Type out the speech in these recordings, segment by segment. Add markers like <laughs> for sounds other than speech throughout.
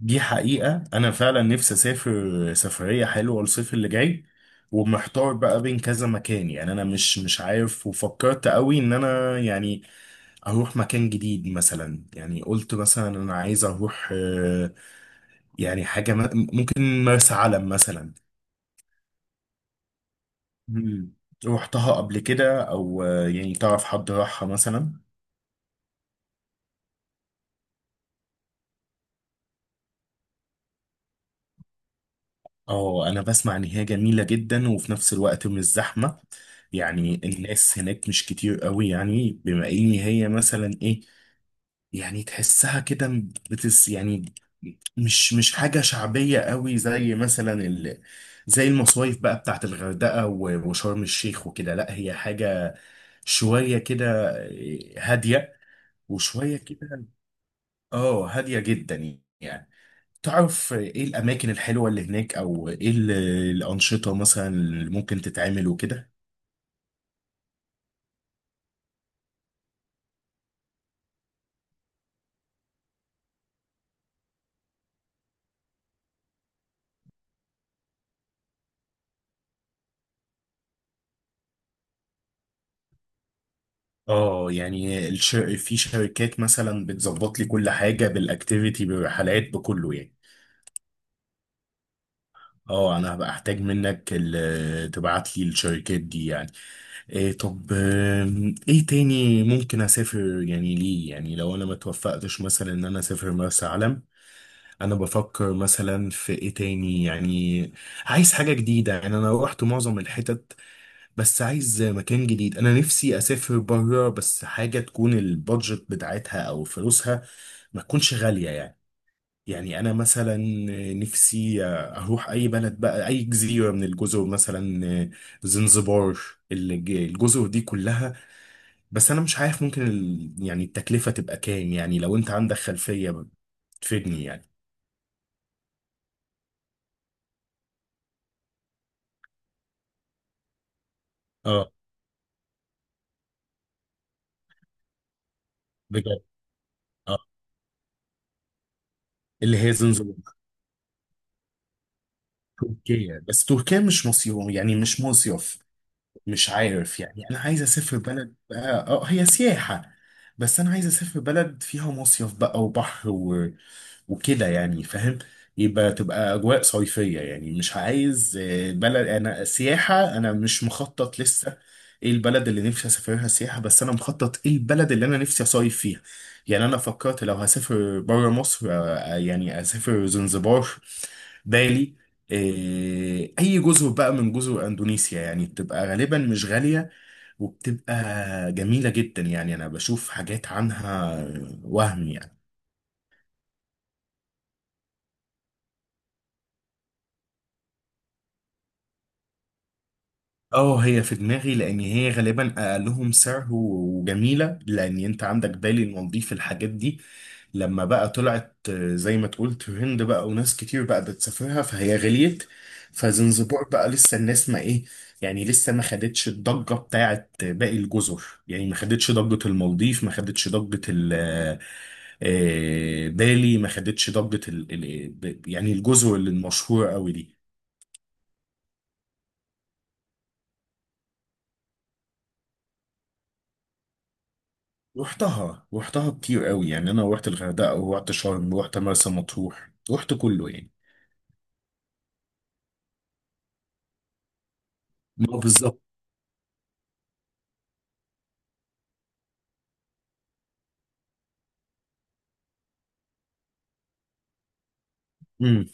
دي حقيقة أنا فعلا نفسي أسافر سفرية حلوة الصيف اللي جاي، ومحتار بقى بين كذا مكان. يعني أنا مش عارف، وفكرت قوي إن أنا يعني أروح مكان جديد مثلا. يعني قلت مثلا أنا عايز أروح يعني حاجة ممكن مرسى علم مثلا. مم. روحتها قبل كده؟ أو يعني تعرف حد راحها مثلا؟ اه، انا بسمع ان هي جميلة جدا، وفي نفس الوقت مش زحمة. يعني الناس هناك مش كتير قوي، يعني بما ان هي مثلا ايه، يعني تحسها كده، يعني مش حاجة شعبية قوي زي مثلا زي المصايف بقى بتاعت الغردقة و- وشرم الشيخ وكده. لا، هي حاجة شوية كده هادية، وشوية كده. اه، هادية جدا يعني. تعرف ايه الاماكن الحلوه اللي هناك؟ او ايه الانشطه مثلا اللي ممكن تتعمل وكده؟ اه، يعني في شركات مثلا بتظبط لي كل حاجه، بالاكتيفيتي بالرحلات بكله يعني. اه، انا هبقى احتاج منك تبعت لي الشركات دي يعني. إيه؟ طب، ايه تاني ممكن اسافر يعني؟ ليه؟ يعني لو انا ما توفقتش مثلا ان انا اسافر مرسى علم، انا بفكر مثلا في ايه تاني يعني. عايز حاجة جديدة، يعني أنا روحت معظم الحتت، بس عايز مكان جديد. انا نفسي اسافر بره، بس حاجه تكون البادجت بتاعتها او فلوسها ما تكونش غاليه يعني انا مثلا نفسي اروح اي بلد بقى، اي جزيره من الجزر مثلا، زنزبار، الجزر دي كلها. بس انا مش عارف ممكن يعني التكلفه تبقى كام، يعني لو انت عندك خلفيه تفيدني يعني. اه، بجد؟ اه، اللي هي زنزبار. تركيا، بس تركيا مش مصيف يعني، مش مصيف. مش عارف، يعني انا عايز اسافر بلد بقى، اه هي سياحة، بس انا عايز اسافر بلد فيها مصيف بقى وبحر و... وكده يعني، فاهم؟ يبقى تبقى اجواء صيفية يعني. مش عايز بلد، انا سياحة انا مش مخطط لسه ايه البلد اللي نفسي اسافرها سياحة، بس انا مخطط ايه البلد اللي انا نفسي اصيف فيها. يعني انا فكرت لو هسافر بره مصر، يعني اسافر زنزبار، بالي، اي جزر بقى من جزر اندونيسيا، يعني بتبقى غالبا مش غالية، وبتبقى جميلة جدا يعني. انا بشوف حاجات عنها وهم يعني. اه، هي في دماغي لان هي غالبا اقلهم سعر و- وجميله، لان انت عندك بالي، المالديف، الحاجات دي لما بقى طلعت زي ما تقول ترند بقى، وناس كتير بقى بتسافرها، فهي غليت. فزنزبور بقى لسه الناس ما ايه، يعني لسه ما خدتش الضجه بتاعت باقي الجزر. يعني ما خدتش ضجه المالديف، ما خدتش ضجه ال آه، آه، بالي، ما خدتش ضجه يعني الجزر اللي المشهوره قوي دي. رحتها كتير قوي، يعني انا رحت الغردقه ورحت شرم ورحت مرسى مطروح، رحت كله يعني. ما بالظبط. امم.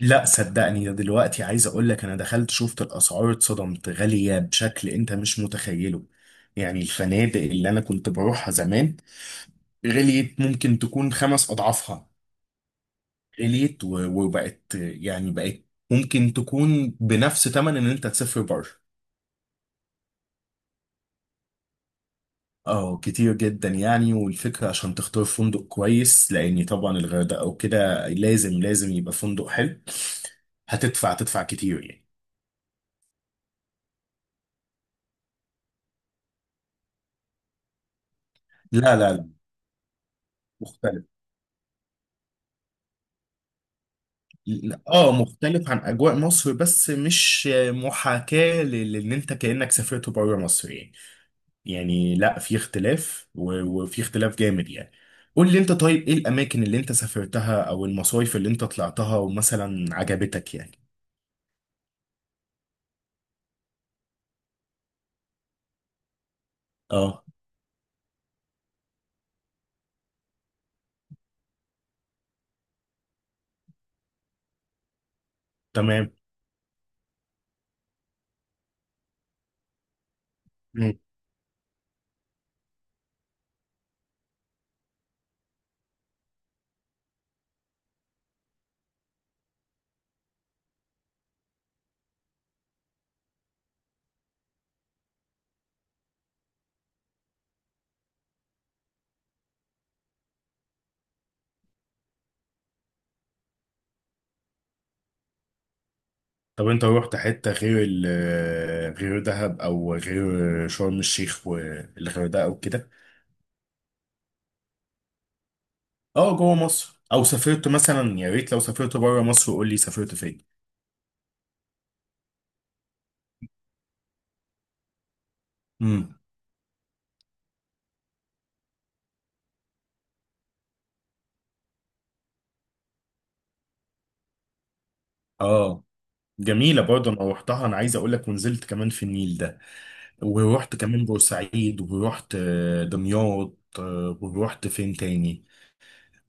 لا، صدقني، ده دلوقتي عايز اقول لك، انا دخلت شفت الاسعار اتصدمت، غاليه بشكل انت مش متخيله. يعني الفنادق اللي انا كنت بروحها زمان غليت، ممكن تكون 5 اضعافها. غليت و- وبقت، يعني بقت ممكن تكون بنفس ثمن ان انت تسافر بره. اه، كتير جدا يعني. والفكرة عشان تختار فندق كويس، لأن طبعا الغردقة أو كده لازم يبقى فندق حلو. تدفع كتير يعني. لا لا لا، مختلف. لا، اه مختلف عن أجواء مصر، بس مش محاكاة لأن أنت كأنك سافرت بره مصر يعني. يعني لا، في اختلاف و- وفي اختلاف جامد يعني. قول لي أنت، طيب إيه الأماكن اللي أنت سافرتها أو المصايف اللي أنت طلعتها ومثلا عجبتك يعني؟ اه، تمام. طب انت روحت حتة غير غير دهب، او غير شرم الشيخ والغردقة او كده؟ اه، جوه مصر، او سافرت مثلا؟ يا ريت لو سافرت بره مصر قول لي سافرت فين. امم. اه، جميلة برضه، انا روحتها، انا عايز اقول لك، ونزلت كمان في النيل ده. ورحت كمان بورسعيد، ورحت دمياط، ورحت فين تاني؟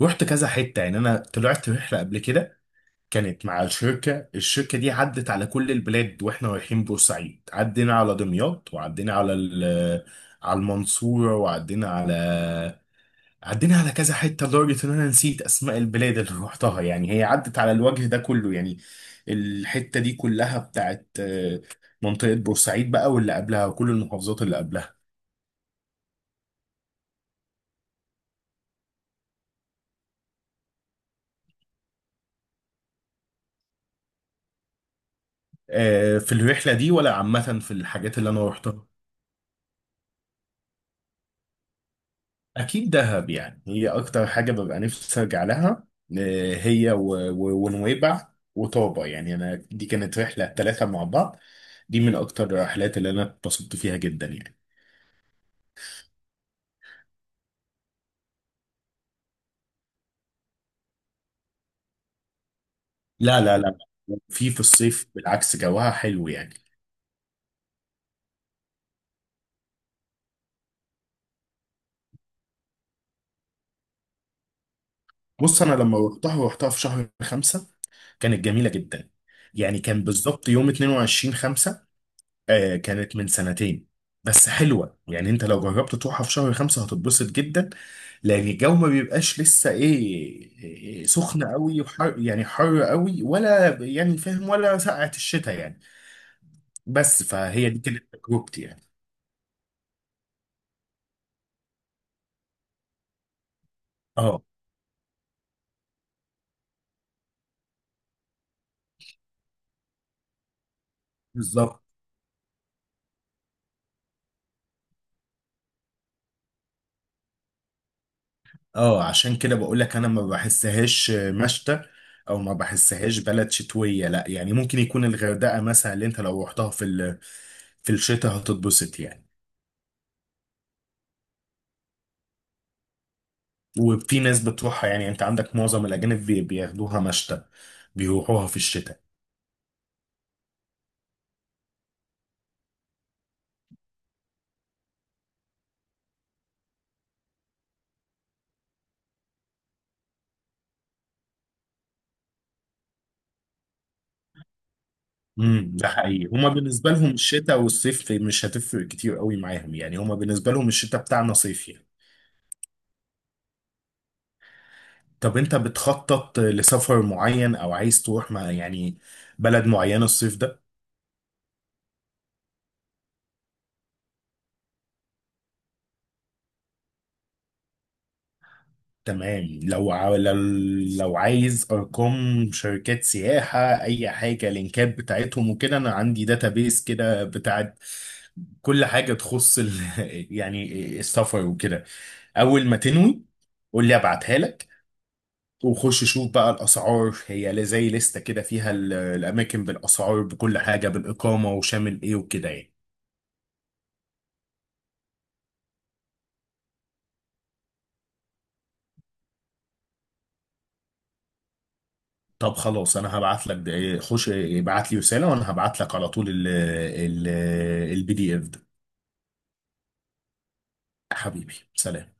رحت كذا حتة يعني. انا طلعت رحلة قبل كده، كانت مع الشركة دي، عدت على كل البلاد، واحنا رايحين بورسعيد، عدينا على دمياط، وعدينا على على المنصورة، وعدينا على كذا حتة، لدرجة ان انا نسيت اسماء البلاد اللي روحتها. يعني هي عدت على الوجه ده كله، يعني الحتة دي كلها بتاعت منطقة بورسعيد بقى واللي قبلها وكل المحافظات اللي قبلها. في الرحلة دي ولا عامة في الحاجات اللي انا روحتها؟ اكيد دهب، يعني هي اكتر حاجه ببقى نفسي ارجع لها، هي ونويبع وطابه. يعني انا دي كانت رحله 3 مع بعض، دي من اكتر الرحلات اللي انا اتبسطت فيها جدا يعني. لا لا لا، في الصيف بالعكس جوها حلو يعني. بص، انا لما روحتها في شهر 5، كانت جميله جدا. يعني كان بالظبط يوم 22 5. كانت من سنتين، بس حلوة. يعني انت لو جربت تروحها في شهر 5 هتتبسط جدا، لان الجو ما بيبقاش لسه ايه، سخن قوي وحر، يعني حر قوي، ولا يعني فاهم، ولا سقعة الشتاء يعني. بس فهي دي كانت تجربتي يعني. اه، بالظبط. اه، عشان كده بقول لك انا ما بحسهاش مشتى، او ما بحسهاش بلد شتوية، لا يعني. ممكن يكون الغردقة مثلا اللي انت لو رحتها في في الشتاء هتتبسط يعني. وفي ناس بتروحها يعني، انت عندك معظم الاجانب بياخدوها مشتى، بيروحوها في الشتاء. امم. ده حقيقي، هما بالنسبه لهم الشتاء والصيف مش هتفرق كتير قوي معاهم، يعني هما بالنسبه لهم الشتاء بتاعنا صيف يعني. طب انت بتخطط لسفر معين او عايز تروح مع يعني بلد معينه الصيف ده؟ تمام. لو عاو- لو لو عايز ارقام شركات سياحه، اي حاجه، لينكات بتاعتهم وكده، انا عندي داتابيس كده بتاعت كل حاجه تخص <laughs> يعني السفر وكده. اول ما تنوي قول لي، ابعتها لك، وخش شوف بقى الاسعار، هي زي لستة كده فيها الاماكن بالاسعار بكل حاجه، بالاقامه، وشامل ايه وكده يعني. طب خلاص، انا هبعت لك خش ابعت لي رساله، وانا هبعت لك على طول ال ال البي دي اف. حبيبي، سلام.